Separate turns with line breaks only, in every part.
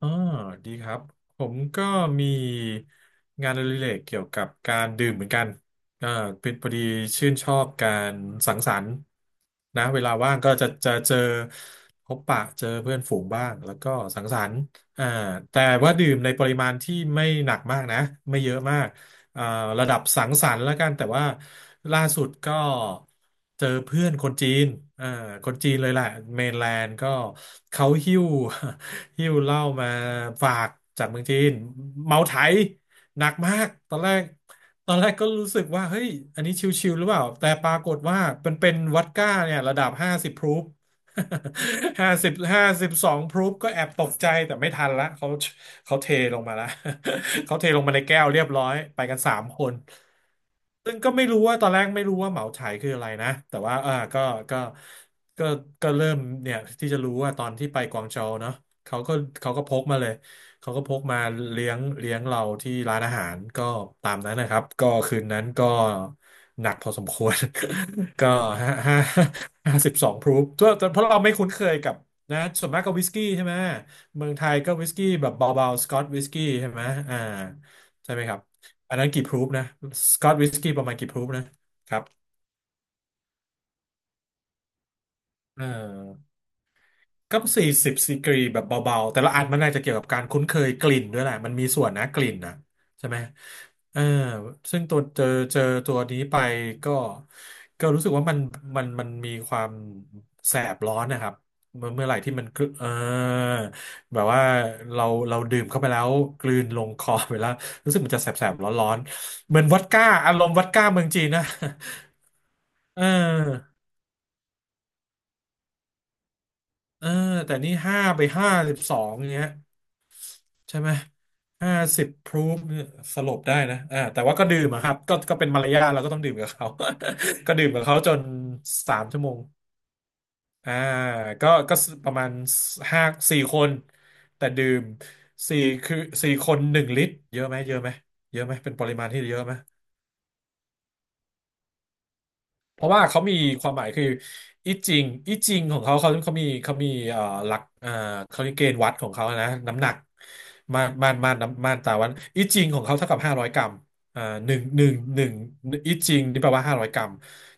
อ๋อดีครับผมก็มีงานอดิเรกเกี่ยวกับการดื่มเหมือนกันอ่าเป็นพอดีชื่นชอบการสังสรรค์นะเวลาว่างก็จะเจอพบปะเจอเพื่อนฝูงบ้างแล้วก็สังสรรค์อ่าแต่ว่าดื่มในปริมาณที่ไม่หนักมากนะไม่เยอะมากอ่าระดับสังสรรค์แล้วกันแต่ว่าล่าสุดก็เจอเพื่อนคนจีนอ่าคนจีนเลยแหละเมนแลนด์ก็เขาหิ้วเหล้ามาฝากจากเมืองจีนเมาไถหนักมากตอนแรกตอนแรกก็รู้สึกว่าเฮ้ยอันนี้ชิวๆหรือเปล่าแต่ปรากฏว่ามันเป็นวอดก้าเนี่ยระดับห้าสิบพรูฟ ห้าสิบสองพรูฟก็แอบตกใจแต่ไม่ทันละเขาเขาเทลงมาละ เขาเทลงมาในแก้วเรียบร้อยไปกัน3 คนซึ่งก็ไม่รู้ว่าตอนแรกไม่รู้ว่าเหมาไฉคืออะไรนะแต่ว่าก็ก็ก็เริ่มเนี่ยที่จะรู้ว่าตอนที่ไปกวางโจวเนาะ เขาก็เขาก็พกมาเลยเขาก็พกมาเลี้ยงเราที่ร้านอาหารก็ตามนั้นนะครับก็คืนนั้นก็หนักพอสมควร ก็ห้าห้าห้าสิบสองพรูฟก็เพราะเราไม่คุ้นเคยกับนะส่วนมากก็วิสกี้ใช่ไหมเมืองไทยก็วิสกี้แบบเบาๆสกอตวิสกี้ใช่ไหมอ่าใช่ไหมครับอันนั้นกี่พรูฟนะสกอตวิสกี้ประมาณกี่พรูฟนะครับเออ ก็40 ดีกรีแบบเบาๆแต่ละอันมันน่าจะเกี่ยวกับการคุ้นเคยกลิ่นด้วยแหละมันมีส่วนนะกลิ่นนะใช่ไหมเออซึ่งตัวเจอตัวนี้ไปก็ก็รู้สึกว่ามันมันมีความแสบร้อนนะครับเมื่อไหร่ที่มันกลืเออแบบว่าเราเราดื่มเข้าไปแล้วกลืนลงคอไปแล้วรู้สึกมันจะแสบๆร้อนๆเหมือนวอดก้าอารมณ์วอดก้าเมืองจีนนะเออเออแต่นี่ห้าสิบสองเงี้ย ใช่ไหม50 พรูฟเนี่ยสลบได้นะแต่ว่าก็ดื่มอะครับก็เป็นมารยาทเราก็ต้องดื่มกับเขา ก็ดื่มกับเขาจน3 ชั่วโมงอ่าก็ก็ประมาณห้าสี่คนแต่ดื่มสี่คือ4 คน 1 ลิตรเยอะไหมเยอะไหมเยอะไหมเป็นปริมาณที่เยอะไหม เพราะว่าเขามีความหมายคืออีจิงของเขาเขามีหลักเขาเรียกเกณฑ์วัดของเขานะน้ำหนักม่านม่านม่านน้ำม่านตาวัดอีจิงของเขาเท่ากับห้าร้อยกรัมอ่าหนึ่งหนึ่งหนึ่งอีจิงนี่แปลว่าห้าร้อยกรัม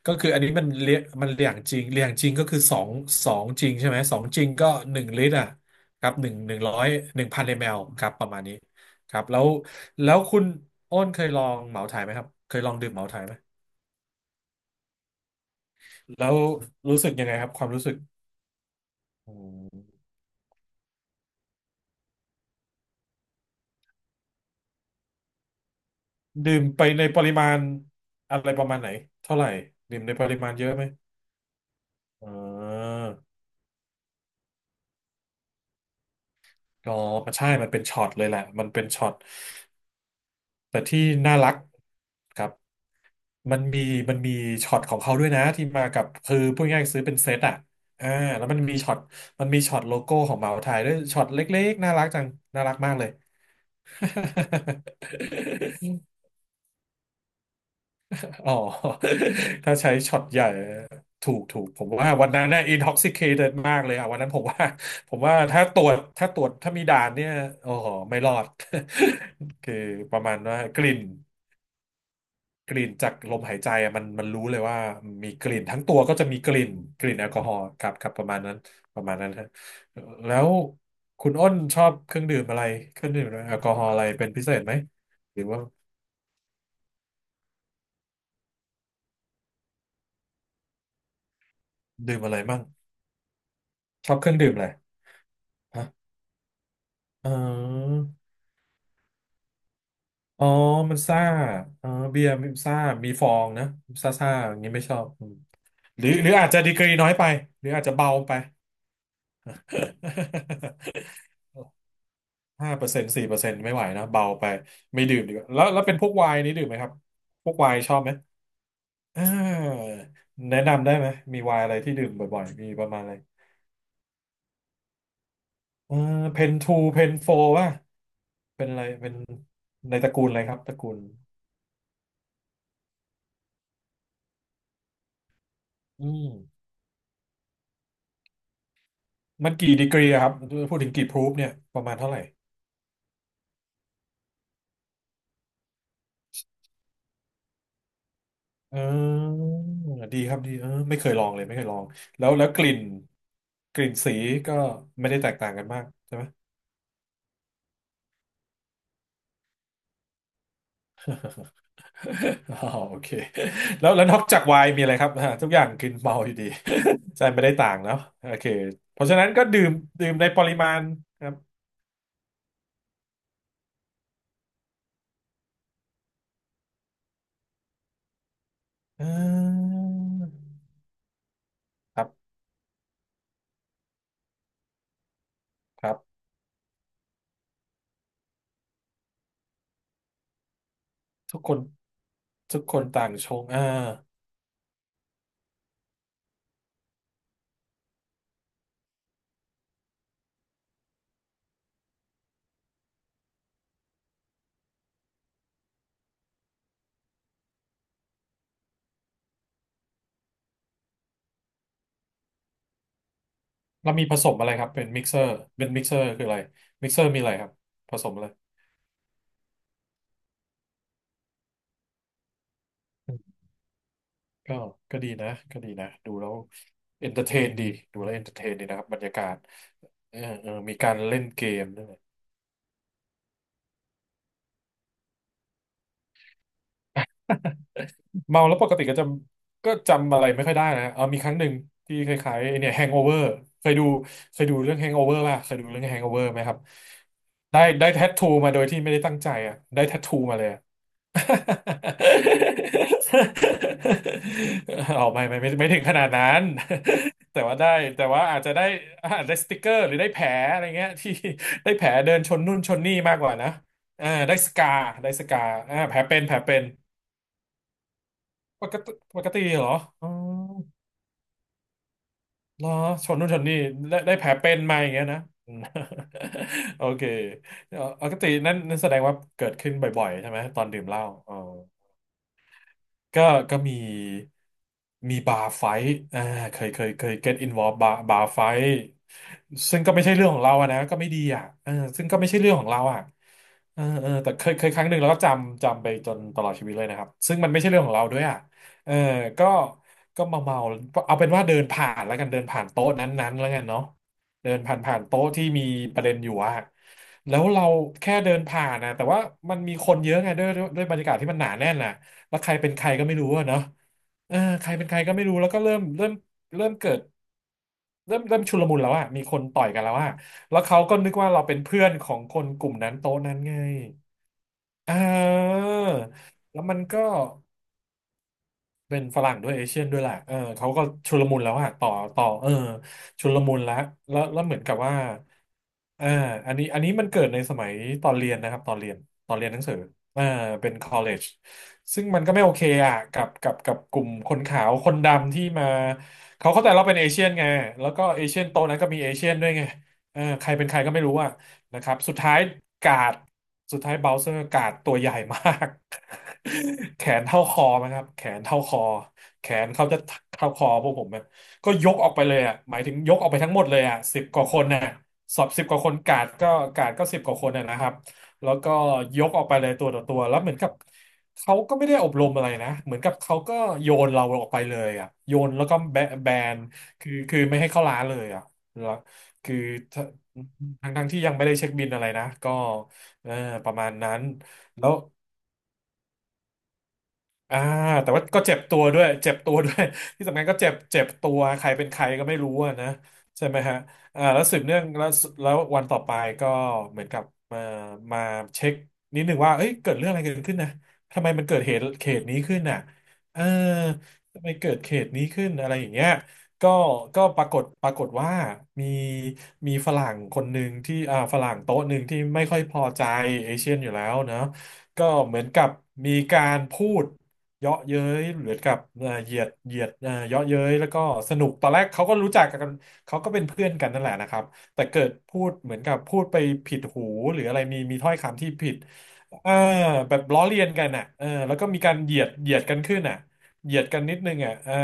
ก็คืออันนี้มันเรียงมันเรียงจริงเรียงจริงก็คือสองจริงใช่ไหมสองจริงก็หนึ่งลิตรอ่ะครับ1,000 มลครับประมาณนี้ครับแล้วคุณอ้นเคยลองเหมาถ่ายไหมครับเคยลองดื่มเหมาถ่ายไหม แล้วรู้สึกยังไงครับความรู้สึกอืมดื่มไปในปริมาณอะไรประมาณไหนเท่าไหร่ดื่มในปริมาณเยอะไหมอ่าก็มันใช่มันเป็นช็อตเลยแหละมันเป็นช็อตแต่ที่น่ารักครับมันมีช็อตของเขาด้วยนะที่มากับคือพูดง่ายๆซื้อเป็นเซตอ่ะอ่าแล้วมันมีช็อตโลโก้ของเหมาไทยด้วยช็อตเล็กๆน่ารักจังน่ารักมากเลย อ๋อ ถ้าใช้ช็อตใหญ่ถูกผมว่าวันนั้นเนี่ย intoxicated มากเลยอ่ะวันนั้นผมว่า ผมว่าถ้าตรวจถ้าตรวจถ้ามีด่านเนี่ยโอ้โหไม่รอด คือประมาณว่ากลิ่นจากลมหายใจอะมันรู้เลยว่ามีกลิ่นทั้งตัวก็จะมีกลิ่นกลิ่นแอลกอฮอล์ครับประมาณนั้นฮะแล้วคุณอ้นชอบเครื่องดื่มอะไรเครื่องดื่มแอลกอฮอล์อะไรเป็นพิเศษไหมหรือว่าดื่มอะไรมั่งชอบเครื่องดื่มอะไรฮะอ๋อ อ๋อมันซ่าเอ๋อเบียร์มันซ่ามีฟองนะซ่าซ่าอย่างนี้ไม่ชอบอืมหรืออาจจะดีกรีน้อยไปหรืออาจจะเบาไป 5%4%ไม่ไหวนะเบาไปไม่ดื่มดีกว่าแล้วเป็นพวกไวน์นี้ดื่มไหมครับพวกไวน์ชอบไหมอ่าแนะนำได้ไหม มีไวน์อะไรที่ดื่มบ่อยๆมีประมาณอะไรเออเพนทูเพนโฟป่ะเป็นอะไรเป็นในตระกูลอะไรครับตระกูลอืมมันกี่ดีกรีอะครับพูดถึงกี่พรูฟเนี่ยประมาณเท่าไหร่ เออดีครับดีไม่เคยลองเลยไม่เคยลองแล้วกลิ่นกลิ่นสีก็ไม่ได้แตกต่างกันมากใช่ไหม อ๋อโอเคแล้วนอกจากไวน์มีอะไรครับอ่าทุกอย่างกินเมาอยู่ดี ใช่ไม่ได้ต่างเนาะโอเคเพราะฉะนั้นก็ดื่มดื่มในปริมาณครับอ่าครับครับทุกคนทุกคนต่างชงอ่าแล้วมีผสมอะไรครับเป็นมิกเซอร์เป็นมิกเซอร์คืออะไรมิกเซอร์มีอะไรครับผสมอะไร ก็ก็ดีนะก็ดีนะ ดูแล้วเอนเตอร์เทนดีดูแล้วเอนเตอร์เทนดีนะครับ บรรยากาศเออเออมีการเล่นเกมด้วยเมาแล้วปกติก็จำก็จำอะไรไม่ค่อยได้นะเออมีครั้งหนึ่งที่คล้ายๆไอ้เนี่ยแฮงโอเวอร์เคยดูเคยดูเรื่องแฮงโอเวอร์ป่ะเคยดูเรื่องแฮงโอเวอร์ไหมครับ ได้ได้แทททูมาโดยที่ไม่ได้ตั้งใจอ่ะได้แทททูมาเลย ออกไม่ถึงขนาดนั้น แต่ว่าได้แต่ว่าอาจจะได้อาจได้สติกเกอร์หรือได้แผลอะไรเงี้ย ที่ได้แผลเดินชนนู่นชนนี่มากกว่านะอ่าได้สกาได้สกาอ่าแผลเป็นแผลเป็นปกติปกติเหรออ๋อเหรอชนนู่นชนนี่ได้ได้แผลเป็นมาอย่างเงี้ยนะ อืม โอเคปกตินั่นนั่นแสดงว่าเกิดขึ้นบ่อยๆใช่ไหมตอนดื่มเหล้าอ๋อ ก็ก็มีมีบาร์ไฟท์อ่าเคยเคยเคย get involved บาร์บาร์ไฟท์ซึ่งก็ไม่ใช่เรื่องของเราอะนะก็ไม่ดีอ่ะเออซึ่งก็ไม่ใช่เรื่องของเราอ่ะเออเออแต่เคยเคยครั้งหนึ่งแล้วก็จำจำไปจนตลอดชีวิตเลยนะครับซึ่งมันไม่ใช่เรื่องของเราด้วยอ่ะเออก็ก็มาเมาเอาเป็นว่าเดินผ่านแล้วกัน เดินผ่านโต๊ะนั้นๆแล้วกันเนาะเดินผ่านผ่านโต๊ะที่มีประเด็นอยู่อ่ะแล้วเราแค่เดินผ่านนะแต่ว่ามันมีคนเยอะไงด้วยบรรยากาศที่มันหนาแน่นน่ะ แล้วใครเป็นใครก็ไม่รู้อะเนาะเออใครเป็นใครก็ไม่รู้แล้วก็เริ่มเริ่มเกิดเริ่มชุลมุนแล้วอะมีคนต่อยกันแล้วอะแล้วเขาก็นึกว่าเราเป็นเพื่อนของคนกลุ่มนั้นโต๊ะนั้นไงเออแล้วมันก็ เป็นฝรั่งด้วยเอเชียนด้วยแหละเออเขาก็ชุลมุนแล้วอะต่อต่อเออชุลมุนแล้วเหมือนกับว่าอ่าอันนี้มันเกิดในสมัยตอนเรียนนะครับตอนเรียนตอนเรียนหนังสืออ่าเป็น college ซึ่งมันก็ไม่โอเคอะกับกลุ่มคนขาวคนดำที่มาเขาเข้าใจเราเป็นเอเชียนไงแล้วก็เอเชียนโต๊ะนั้นก็มีเอเชียนด้วยไงเออใครเป็นใครก็ไม่รู้อะนะครับสุดท้ายกาดสุดท้ายเบลเซอร์กาดตัวใหญ่มาก แขนเท่าคอมั้งครับแขนเท่าคอแขนเขาจะเท่าคอพวกผมอะก็ยกออกไปเลยอ่ะหมายถึงยกออกไปทั้งหมดเลยอ่ะสิบกว่าคนน่ะสอบสิบกว่าคนกาดก็กาดก็สิบกว่าคนน่ะนะครับแล้วก็ยกออกไปเลยตัวต่อตัวแล้วเหมือนกับเขาก็ไม่ได้อบรมอะไรนะเหมือนกับเขาก็โยนเราออกไปเลยอ่ะโยนแล้วก็แบแบนคือคือไม่ให้เข้าร้านเลยอ่ะแล้วคือทั้งที่ยังไม่ได้เช็คบินอะไรนะก็เออประมาณนั้นแล้ว อ่าแต่ว่าก็เจ็บตัวด้วยเจ็บตัวด้วย ที่สำคัญก็เจ็บเจ็บตัวใครเป็นใครก็ไม่รู้อะนะใช่ไหมฮะอ่าแล้วสืบเนื่องแล้ววันต่อไปก็เหมือนกับมามาเช็คนิดหนึ่งว่าเอ้ยเกิดเรื่องอะไรเกิดขึ้นนะทำไมมันเกิดเหตุเขตนี้ขึ้นน่ะเออทำไมเกิดเขตนี้ขึ้นอะไรอย่างเงี้ยก็ก็ปรากฏว่ามีมีฝรั่งคนหนึ่งที่อ่าฝรั่งโต๊ะหนึ่งที่ไม่ค่อยพอใจเอเชียนอยู่แล้วเนอะก็เหมือนกับมีการพูด เยาะเย้ยเหมือนกับเหยียดเยาะเย้ยแล้วก็สนุกตอนแรกเขาก็รู้จักกันเขาก็เป็นเพื่อนกันนั่นแหละนะครับแต่เกิดพูดเหมือนกับพูดไปผิดหูหรืออะไรมีถ้อยคำที่ผิดเออแบบล้อเลียนกันอ่ะเออแล้วก็มีการเหยียดกันขึ้นอ่ะเหยียดกันนิดนึงอ่ะเออ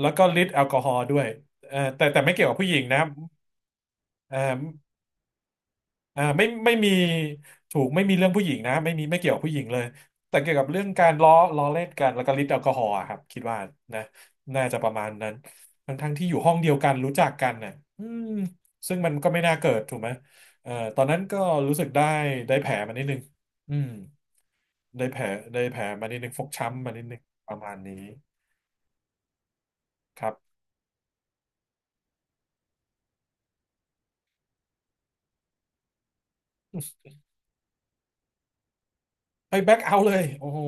แล้วก็ฤทธิ์แอลกอฮอล์ด้วยเออแต่แต่ไม่เกี่ยวกับผู้หญิงนะครับเอ่อ ไม่มีถูกไม่มีเรื่องผู้หญิงนะไม่มีไม่เกี่ยวกับผู้หญิงเลยแต่เกี่ยวกับเรื่องการล้อเล่นกันแล้วก็ฤทธิ์แอลกอฮอล์อะครับคิดว่านะน่าจะประมาณนั้นทั้งที่อยู่ห้องเดียวกันรู้จักกันน่ะอืมซึ่งมันก็ไม่น่าเกิดถูกไหมเอ่อตอนนั้นก็รู้สึกได้แผลมานิดนึงอืมได้แผลได้แผลมานิดนึงฟกช้ำมานิดนึงประมาณนี้ครับไปแบ็กเอาเลยโอ้โห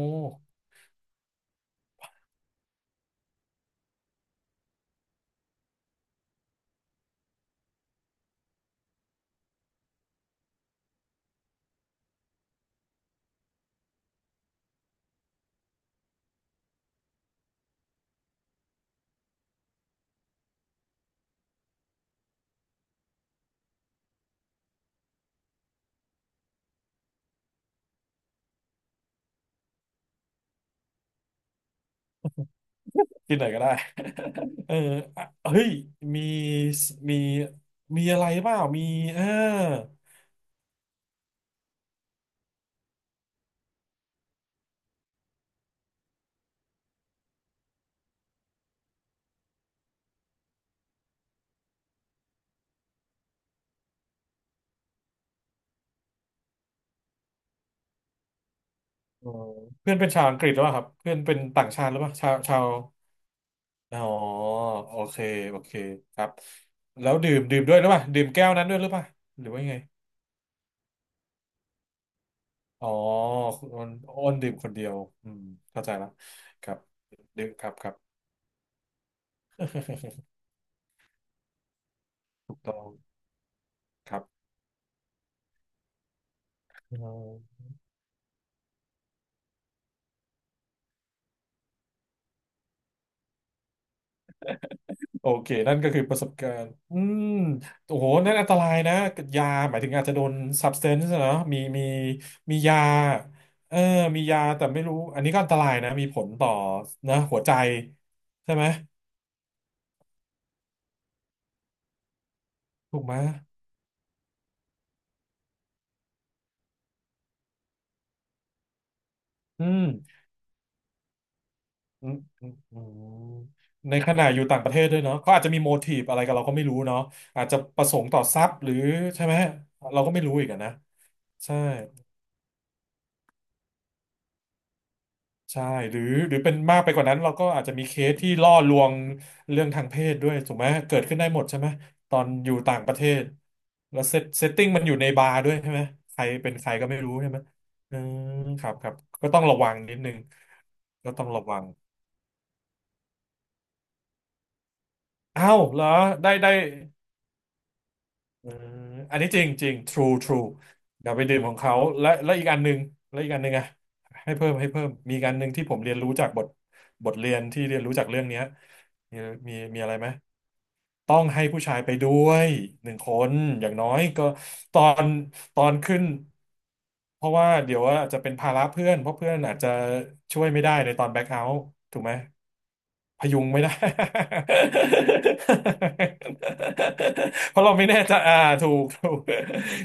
กินหน่อยก็ได้ เอออ่ะเฮ้ยมีมีมีอะไรเปล่ามีเออเออเพื่อนเป็นชาวอังกฤษหรือเปล่าครับเพื่อนเป็นต่างชาติหรือเปล่าชาวชาวอ๋อโอเคโอเคครับแล้วดื่มด้วยหรือเปล่าดื่มแก้วนั้นด้วยหรือเปล่าหรือว่ายังไงอ๋ออ้นดื่มคนเดียวอืมเข้าใจละครับดื่มครับครับ ถูกต้องครับ โอเค นั่นก็คือประสบการณ์อืมโอ้โหนั่นอันตรายนะยา หมายถึงอาจจะโดน substance อะเนอะมีมียาเออมียา แต่ไม่รู้ อันนี้ก็อันตรายนะ มีผลต่อนะหัวใจ ใช่ไหม ถูกไหมอืมอืมอืมอืมในขณะอยู่ต่างประเทศด้วยเนาะเขาอาจจะมีโมทีฟอะไรกับเราก็ไม่รู้เนาะอาจจะประสงค์ต่อทรัพย์หรือใช่ไหม เราก็ไม่รู้อีกอะนะใช่ ใช่หรือหรือเป็นมากไปกว่านั้นเราก็อาจจะมีเคสที่ล่อลวงเรื่องทางเพศด้วยถูกไหมเกิดขึ้นได้หมดใช่ไหมตอนอยู่ต่างประเทศแล้วเซตติ้งมันอยู่ในบาร์ด้วยใช่ไหมใครเป็นใครก็ไม่รู้ใช่ไหมอืมครับครับก็ต้องระวังนิดนึงก็ต้องระวังอ้าวเหรอได้ได้เอออันนี้จริงจริง true true อย่าไปดื่มของเขาและอีกอันหนึ่งและอีกอันหนึ่งอะให้เพิ่มมีอีกอันหนึ่งที่ผมเรียนรู้จากบทเรียนที่เรียนรู้จากเรื่องเนี้ยมีมีมีอะไรไหม ต้องให้ผู้ชายไปด้วยหนึ่งคนอย่างน้อยก็ตอนตอนขึ้นเพราะว่าเดี๋ยวว่าจะเป็นภาระเพื่อนเพราะเพื่อนอาจจะช่วยไม่ได้ในตอนแบ็คเอาท์ถูกไหมพยุงไม่ได้ เพราะเราไม่แน่ใจอ่าถูก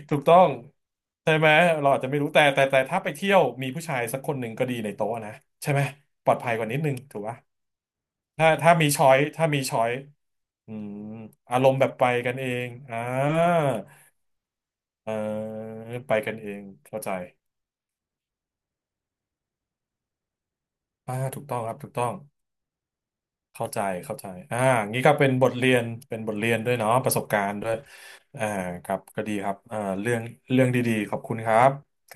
ถูกต้องใช่ไหมเราอาจจะไม่รู้แต่แต่ถ้าไปเที่ยวมีผู้ชายสักคนหนึ่งก็ดีในโต๊ะนะใช่ไหมปลอดภัยกว่านิดนึงถูกปะถ้ามีช้อยถ้ามีช้อย อืมอารมณ์แบบไปกันเองอ่าเออไปกันเอง เข้าใจอ่าถูกต้องครับถูกต้องเข้าใจเข้าใจอ่างี้ก็เป็นบทเรียน เป็นบทเรียนด้วยเนาะประสบการณ์ด้วยอ่าครับก็ดีครับอ่าเรื่องเรื่องดีๆ ขอบคุณครับ